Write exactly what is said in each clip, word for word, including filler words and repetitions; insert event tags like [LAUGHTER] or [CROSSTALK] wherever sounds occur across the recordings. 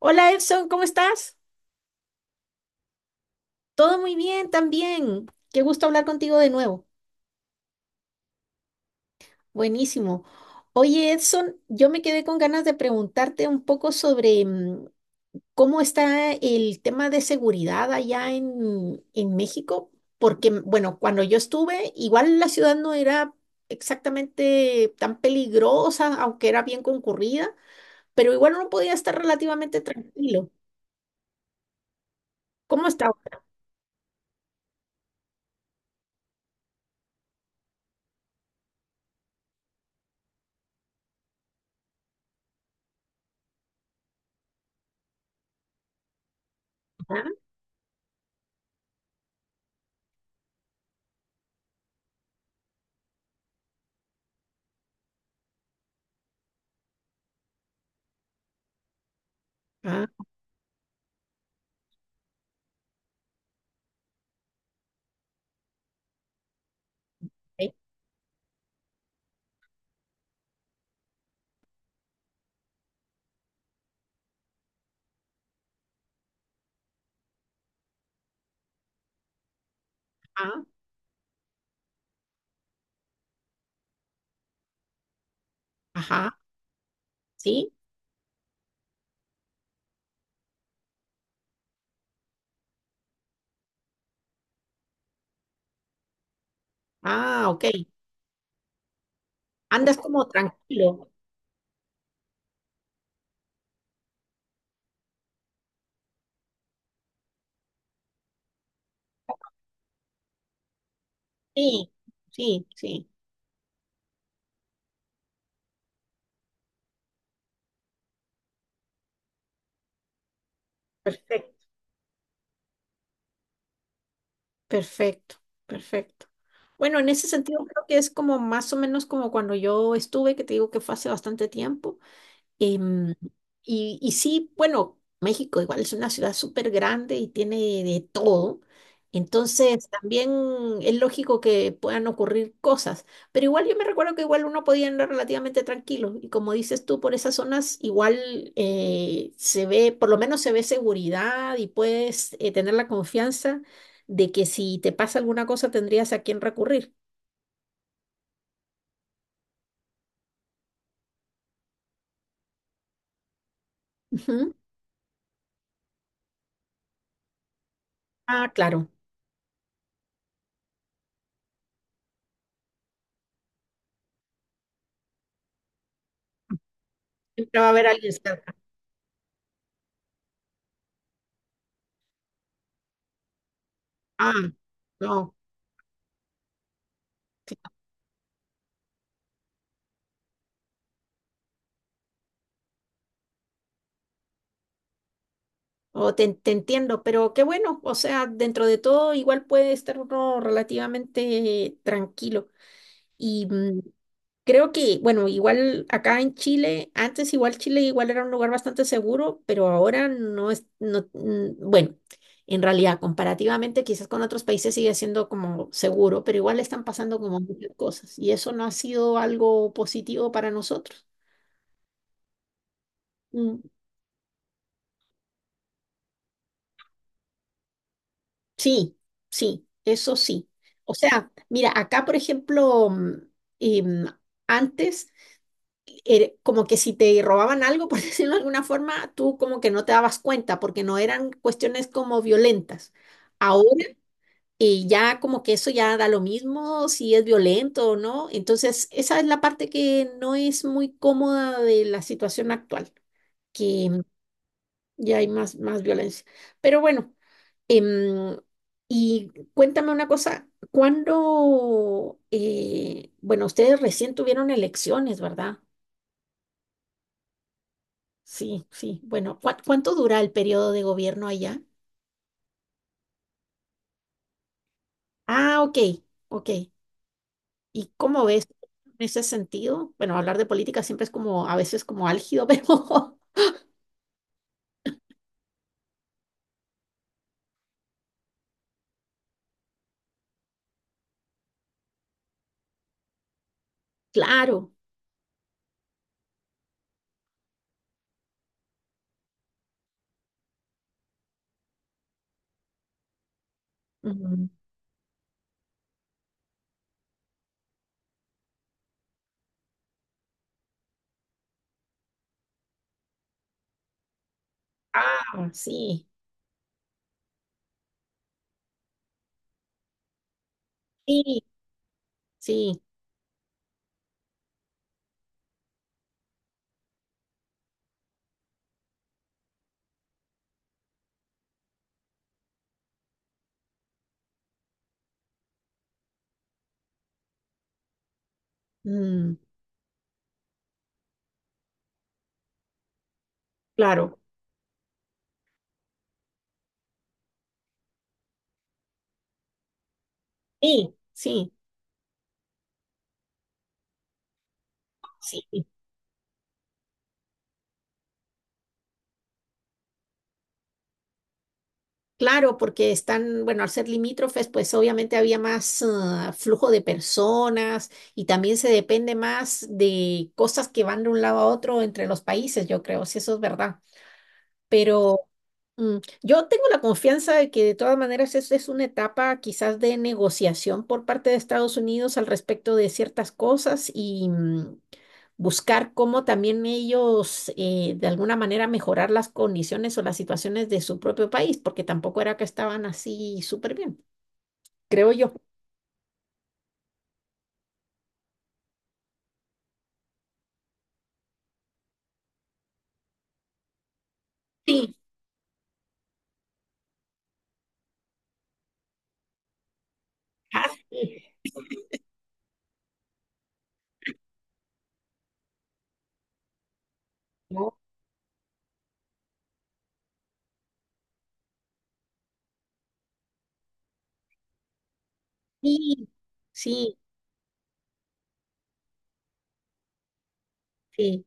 Hola Edson, ¿cómo estás? Todo muy bien también. Qué gusto hablar contigo de nuevo. Buenísimo. Oye Edson, yo me quedé con ganas de preguntarte un poco sobre mm, cómo está el tema de seguridad allá en, en México, porque mm, bueno, cuando yo estuve, igual la ciudad no era exactamente tan peligrosa, aunque era bien concurrida, pero igual uno podía estar relativamente tranquilo. ¿Cómo está ahora? Ah, ah, ok. Ah, ajá, sí. Ah, ok. Andas como tranquilo. Sí, sí, sí. Perfecto. Perfecto, perfecto. Bueno, en ese sentido creo que es como más o menos como cuando yo estuve, que te digo que fue hace bastante tiempo. Em, y, y sí, bueno, México igual es una ciudad súper grande y tiene de todo. Entonces también es lógico que puedan ocurrir cosas, pero igual yo me recuerdo que igual uno podía andar relativamente tranquilo y como dices tú, por esas zonas igual eh, se ve, por lo menos se ve seguridad y puedes eh, tener la confianza de que si te pasa alguna cosa tendrías a quién recurrir. Ujú. Ah, claro, siempre va a haber alguien cerca. Ah, no. O te, te entiendo, pero qué bueno, o sea, dentro de todo igual puede estar uno relativamente tranquilo. Y mm, creo que, bueno, igual acá en Chile, antes igual Chile igual era un lugar bastante seguro, pero ahora no es, no, mm, bueno, en realidad comparativamente quizás con otros países sigue siendo como seguro, pero igual están pasando como muchas cosas y eso no ha sido algo positivo para nosotros. Mm. Sí, sí, eso sí. O sea, mira, acá, por ejemplo, mm, em, antes, era como que si te robaban algo, [LAUGHS] por decirlo de alguna forma, tú como que no te dabas cuenta porque no eran cuestiones como violentas. Ahora, eh, ya como que eso ya da lo mismo si es violento o no. Entonces, esa es la parte que no es muy cómoda de la situación actual, que y hay más, más violencia. Pero bueno, em, y cuéntame una cosa, ¿cuándo, eh, bueno, ustedes recién tuvieron elecciones, ¿verdad? Sí, sí, bueno, ¿cuá- ¿cuánto dura el periodo de gobierno allá? Ah, ok, ok. ¿Y cómo ves en ese sentido? Bueno, hablar de política siempre es como, a veces como álgido, [LAUGHS] pero claro. Ujú. Ah, sí, sí, sí, mm, claro, sí, sí, sí. Claro, porque están, bueno, al ser limítrofes, pues obviamente había más ah, flujo de personas y también se depende más de cosas que van de un lado a otro entre los países, yo creo, si eso es verdad. Pero mm, yo tengo la confianza de que de todas maneras es, es una etapa quizás de negociación por parte de Estados Unidos al respecto de ciertas cosas y mm, buscar cómo también ellos eh, de alguna manera mejorar las condiciones o las situaciones de su propio país, porque tampoco era que estaban así súper bien, creo yo. Sí, [LAUGHS] ah, sí, ¿no? Sí, sí, sí.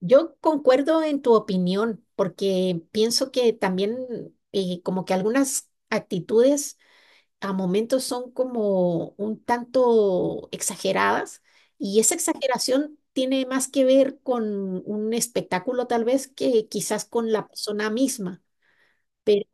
Yo concuerdo en tu opinión, porque pienso que también eh, como que algunas actitudes a momentos son como un tanto exageradas y esa exageración tiene más que ver con un espectáculo tal vez que quizás con la persona misma, pero,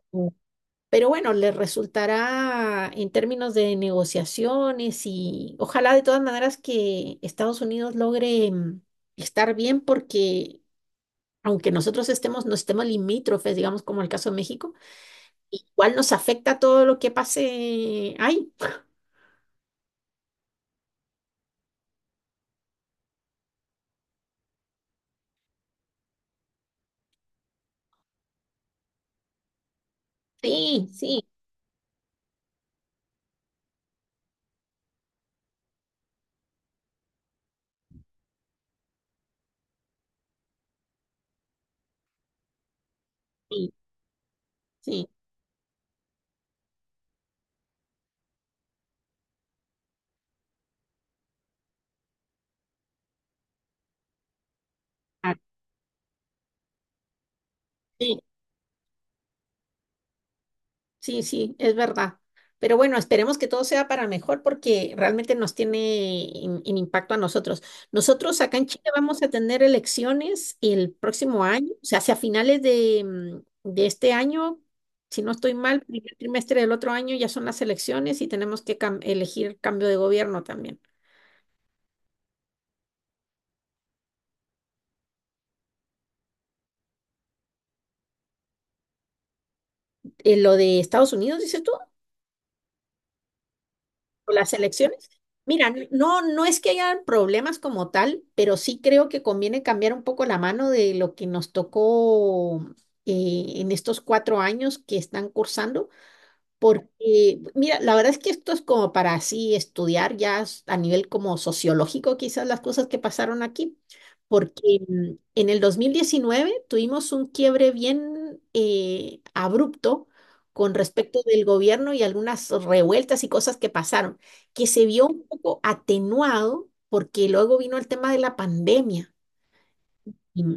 pero bueno, le resultará en términos de negociaciones y ojalá de todas maneras que Estados Unidos logre mm, estar bien porque aunque nosotros estemos, no estemos limítrofes, digamos como el caso de México, igual nos afecta todo lo que pase ahí. Sí, sí, sí, sí, ah, sí, sí, sí, es verdad. Pero bueno, esperemos que todo sea para mejor porque realmente nos tiene en, en impacto a nosotros. Nosotros acá en Chile vamos a tener elecciones el próximo año, o sea, hacia finales de, mm, de este año, si no estoy mal, primer trimestre del otro año ya son las elecciones y tenemos que cam- elegir cambio de gobierno también. eh, lo de Estados Unidos, dices tú, o las elecciones. Mira, no, no es que haya problemas como tal, pero sí creo que conviene cambiar un poco la mano de lo que nos tocó eh, en estos cuatro años que están cursando porque, mira, la verdad es que esto es como para así estudiar ya s- a nivel como sociológico quizás las cosas que pasaron aquí, porque mm, en el dos mil diecinueve tuvimos un quiebre bien eh, abrupto con respecto del gobierno y algunas revueltas y cosas que pasaron, que se vio un poco atenuado porque luego vino el tema de la pandemia. Mm,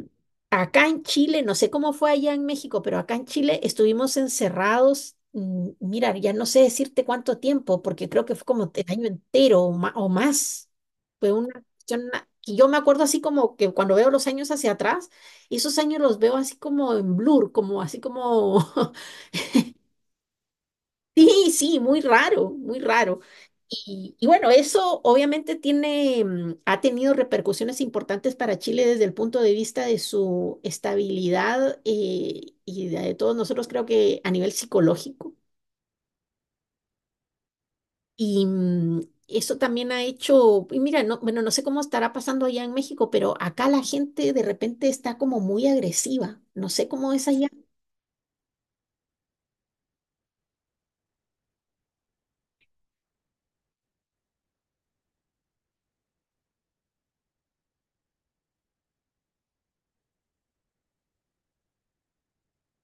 Acá en Chile, no sé cómo fue allá en México, pero acá en Chile estuvimos encerrados, mm, mira, ya no sé decirte cuánto tiempo, porque creo que fue como el año entero o, ma- o más. Fue una cuestión a- que yo me acuerdo así como que cuando veo los años hacia atrás, y esos años los veo así como en blur, como así como [LAUGHS] Sí, sí, muy raro, muy raro. Y, y bueno, eso obviamente tiene, mm, ha tenido repercusiones importantes para Chile desde el punto de vista de su estabilidad eh, y de, de todos nosotros, creo que a nivel psicológico. Y mm, eso también ha hecho, y mira, no, bueno, no sé cómo estará pasando allá en México, pero acá la gente de repente está como muy agresiva. No sé cómo es allá.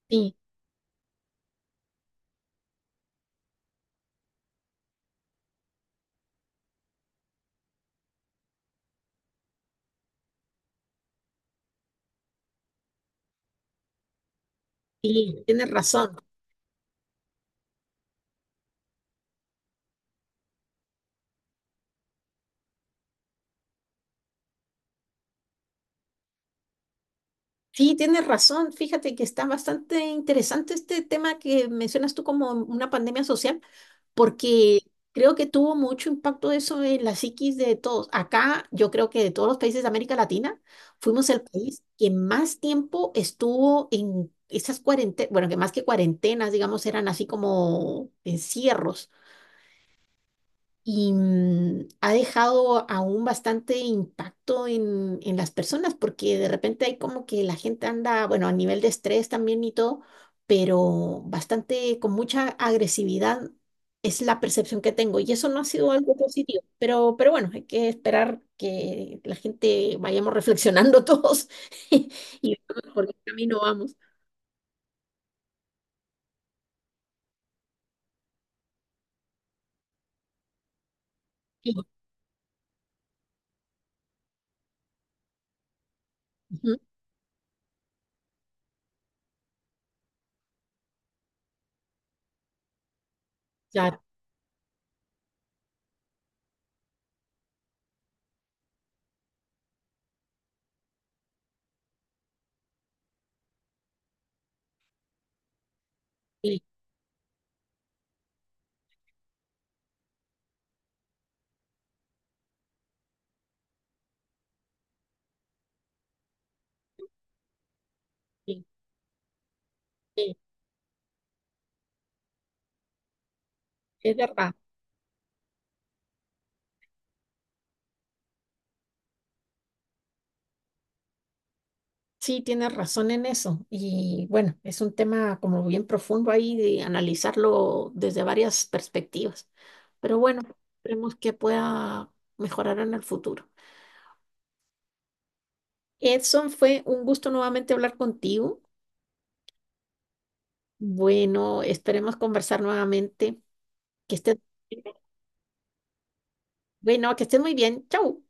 Sí, sí, tienes razón. Sí, tienes razón. Fíjate que está bastante interesante este tema que mencionas tú como una pandemia social, porque creo que tuvo mucho impacto eso en la psiquis de todos. Acá, yo creo que de todos los países de América Latina, fuimos el país que más tiempo estuvo en esas cuarentenas, bueno, que más que cuarentenas, digamos, eran así como encierros y mm, ha dejado aún bastante impacto en, en las personas, porque de repente hay como que la gente anda, bueno, a nivel de estrés también y todo, pero bastante con mucha agresividad es la percepción que tengo y eso no ha sido algo positivo, pero, pero bueno, hay que esperar que la gente vayamos reflexionando [LAUGHS] todos y veamos por qué camino vamos. Sí, ujú, claro, sí, sí, sí, es verdad. Sí, tienes razón en eso. Y bueno, es un tema como bien profundo ahí de analizarlo desde varias perspectivas. Pero bueno, esperemos que pueda mejorar en el futuro. Edson, fue un gusto nuevamente hablar contigo. Bueno, esperemos conversar nuevamente. Que estés, bueno, que estés muy bien. Chau.